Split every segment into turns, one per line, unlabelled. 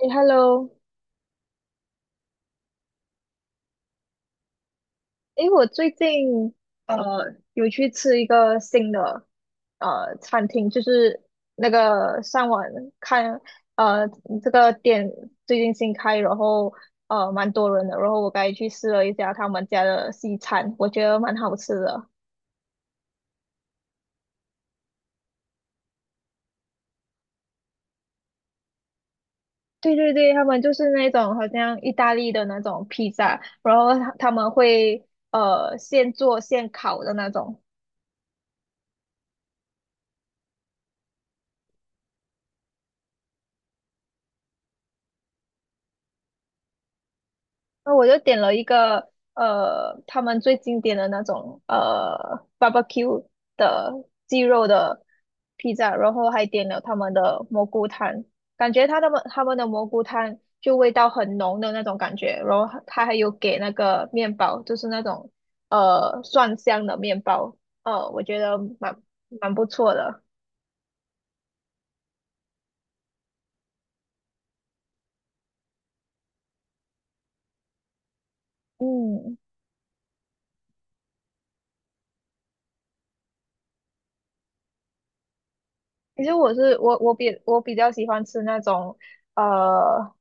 诶 h e l l o 诶，我最近呃有去吃一个新的餐厅，就是那个上网看呃这个店最近新开，然后蛮多人的，然后我刚才去试了一下他们家的西餐，我觉得蛮好吃的。对对对，他们就是那种好像意大利的那种披萨，然后他们会现做现烤的那种。那我就点了一个他们最经典的那种barbecue 的鸡肉的披萨，然后还点了他们的蘑菇汤，感觉他们的蘑菇汤就味道很浓的那种感觉，然后他还有给那个面包，就是那种蒜香的面包，我觉得蛮不错的。嗯，其实我是我我比我比较喜欢吃那种。呃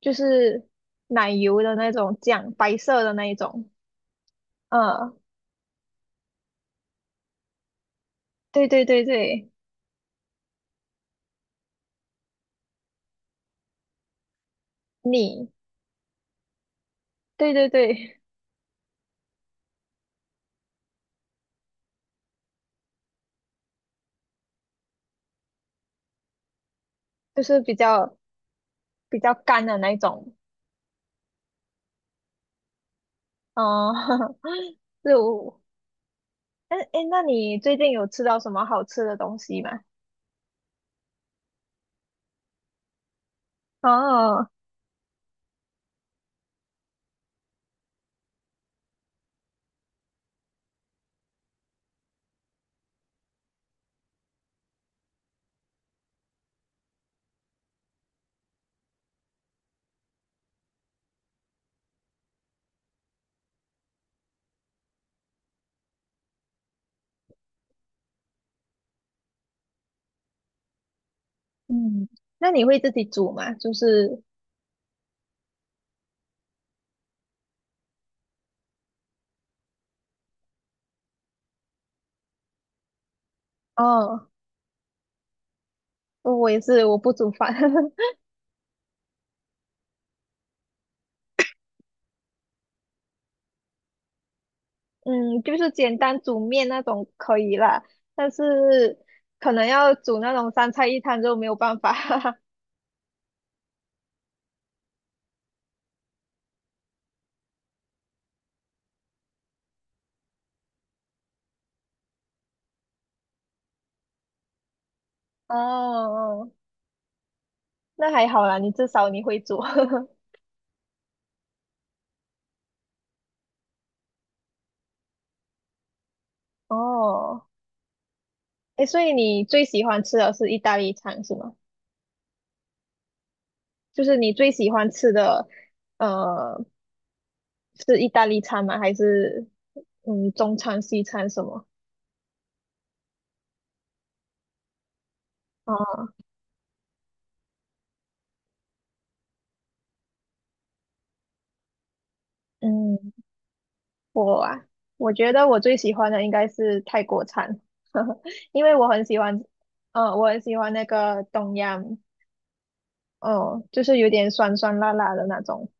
就是奶油的那种酱，白色的那一种。嗯，对对对对，你，对对对，就是比较干的那一种。嗯，就，哎哎，诶那你最近有吃到什么好吃的东西吗？哦，嗯，那你会自己煮吗？就是，哦，我也是，我不煮饭。嗯，就是简单煮面那种可以啦，但是可能要煮那种三菜一汤就没有办法。哦哦，哦那还好啦，至少你会做。哦，哎，所以你最喜欢吃的是意大利餐是吗？就是你最喜欢吃的，呃，是意大利餐吗？还是嗯中餐、西餐什么？哦，嗯，我啊，我觉得我最喜欢的应该是泰国餐。因为我很喜欢，我很喜欢那个东洋，哦，就是有点酸酸辣辣的那种。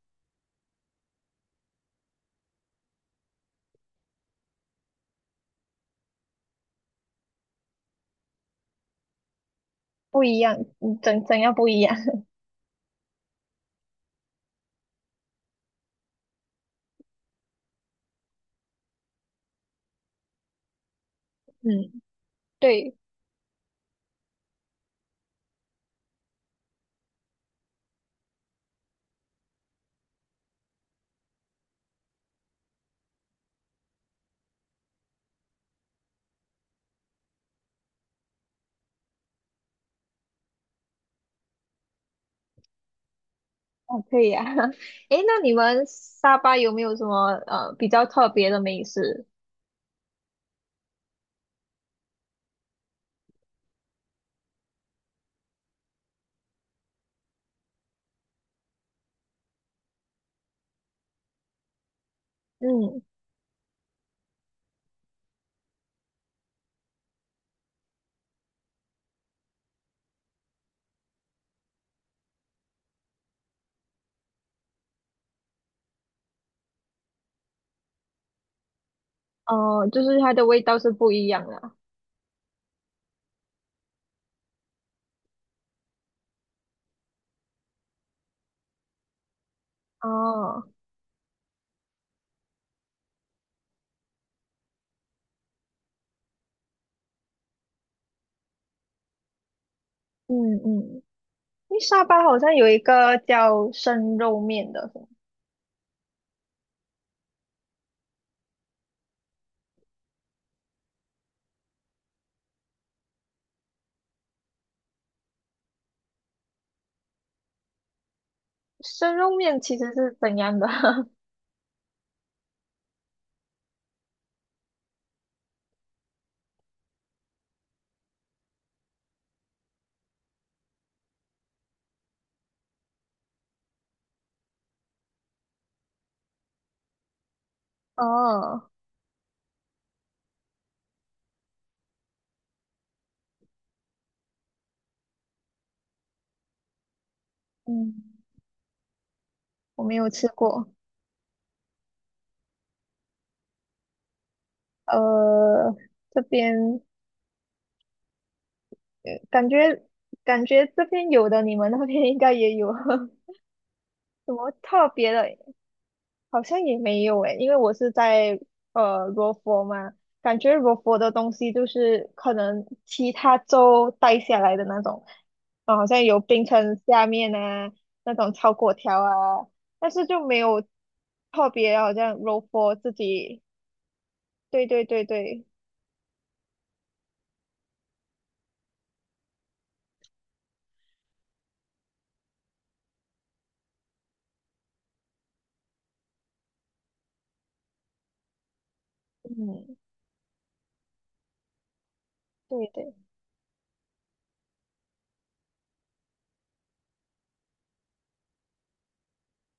不一样，嗯怎样不一样？嗯，对。哦，可以啊。诶，那你们沙巴有没有什么比较特别的美食？嗯，哦，就是它的味道是不一样的。哦，嗯嗯，因为沙巴好像有一个叫生肉面的。生肉面其实是怎样的？哦，嗯，我没有吃过。呃，这边感觉感觉这边有的，你们那边应该也有。 什么特别的？好像也没有诶，因为我是在罗佛嘛，感觉罗佛的东西就是可能其他州带下来的那种，啊，好像有冰城下面啊那种炒粿条啊，但是就没有特别，好像罗佛自己，对对对对，嗯，对对，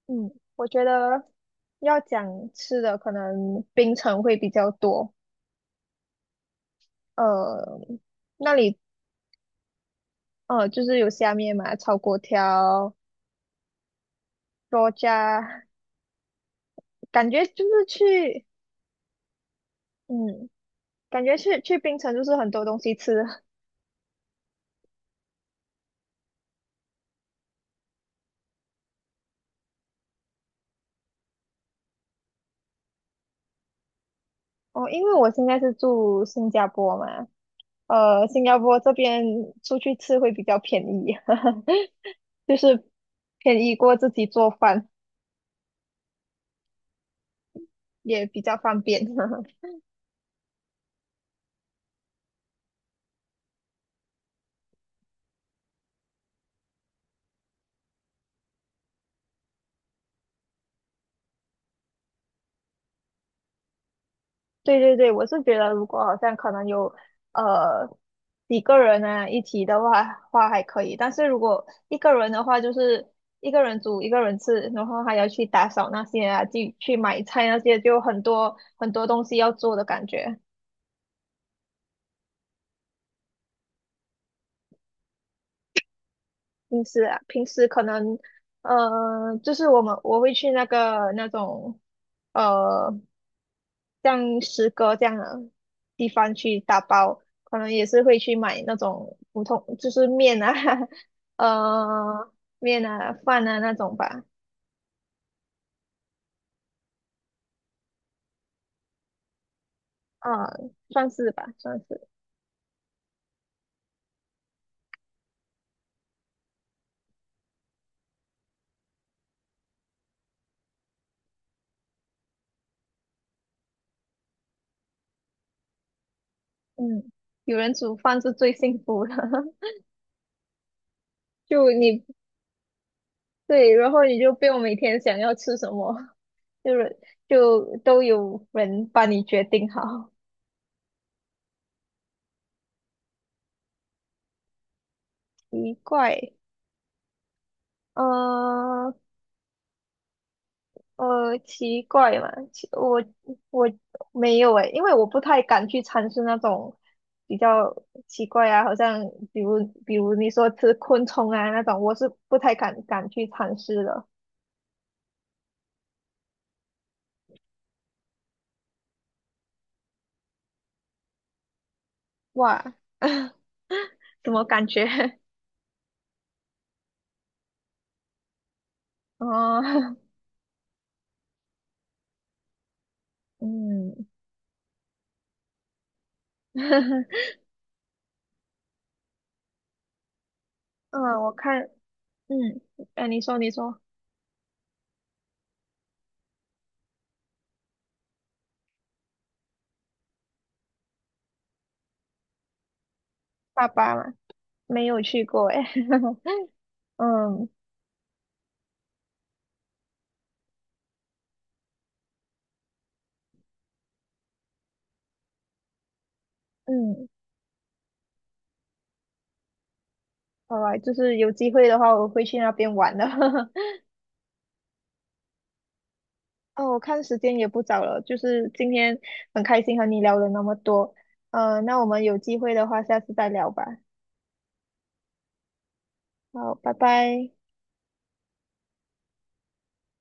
嗯，我觉得要讲吃的，可能冰城会比较多。呃，那里就是有下面嘛，炒粿条。多加，感觉就是去，嗯，感觉去槟城就是很多东西吃。哦，因为我现在是住新加坡嘛。新加坡这边出去吃会比较便宜，就是便宜过自己做饭，也比较方便。对对对，我是觉得如果好像可能有呃几个人啊一起的话还可以，但是如果一个人的话，就是一个人煮一个人吃，然后还要去打扫那些啊，去买菜那些，就很多东西要做的感觉。平时啊，平时可能就是我会去那个那种。呃像诗歌这样的地方去打包，可能也是会去买那种普通，就是面啊，呃，面啊、饭啊那种吧，啊，算是吧，算是，嗯，有人煮饭是最幸福的。就你对，然后你就不用每天想要吃什么，就是就都有人帮你决定好。奇怪。呃，奇怪嘛，我没有诶，因为我不太敢去尝试那种比较奇怪啊，好像比如比如你说吃昆虫啊那种，我是不太敢去尝试的。哇，怎么感觉？哦，嗯，嗯，我看，嗯，哎，你说爸爸嘛，没有去过诶，嗯嗯，好吧，就是有机会的话，我会去那边玩的。哦，我看时间也不早了，就是今天很开心和你聊了那么多，那我们有机会的话，下次再聊吧。好，拜拜。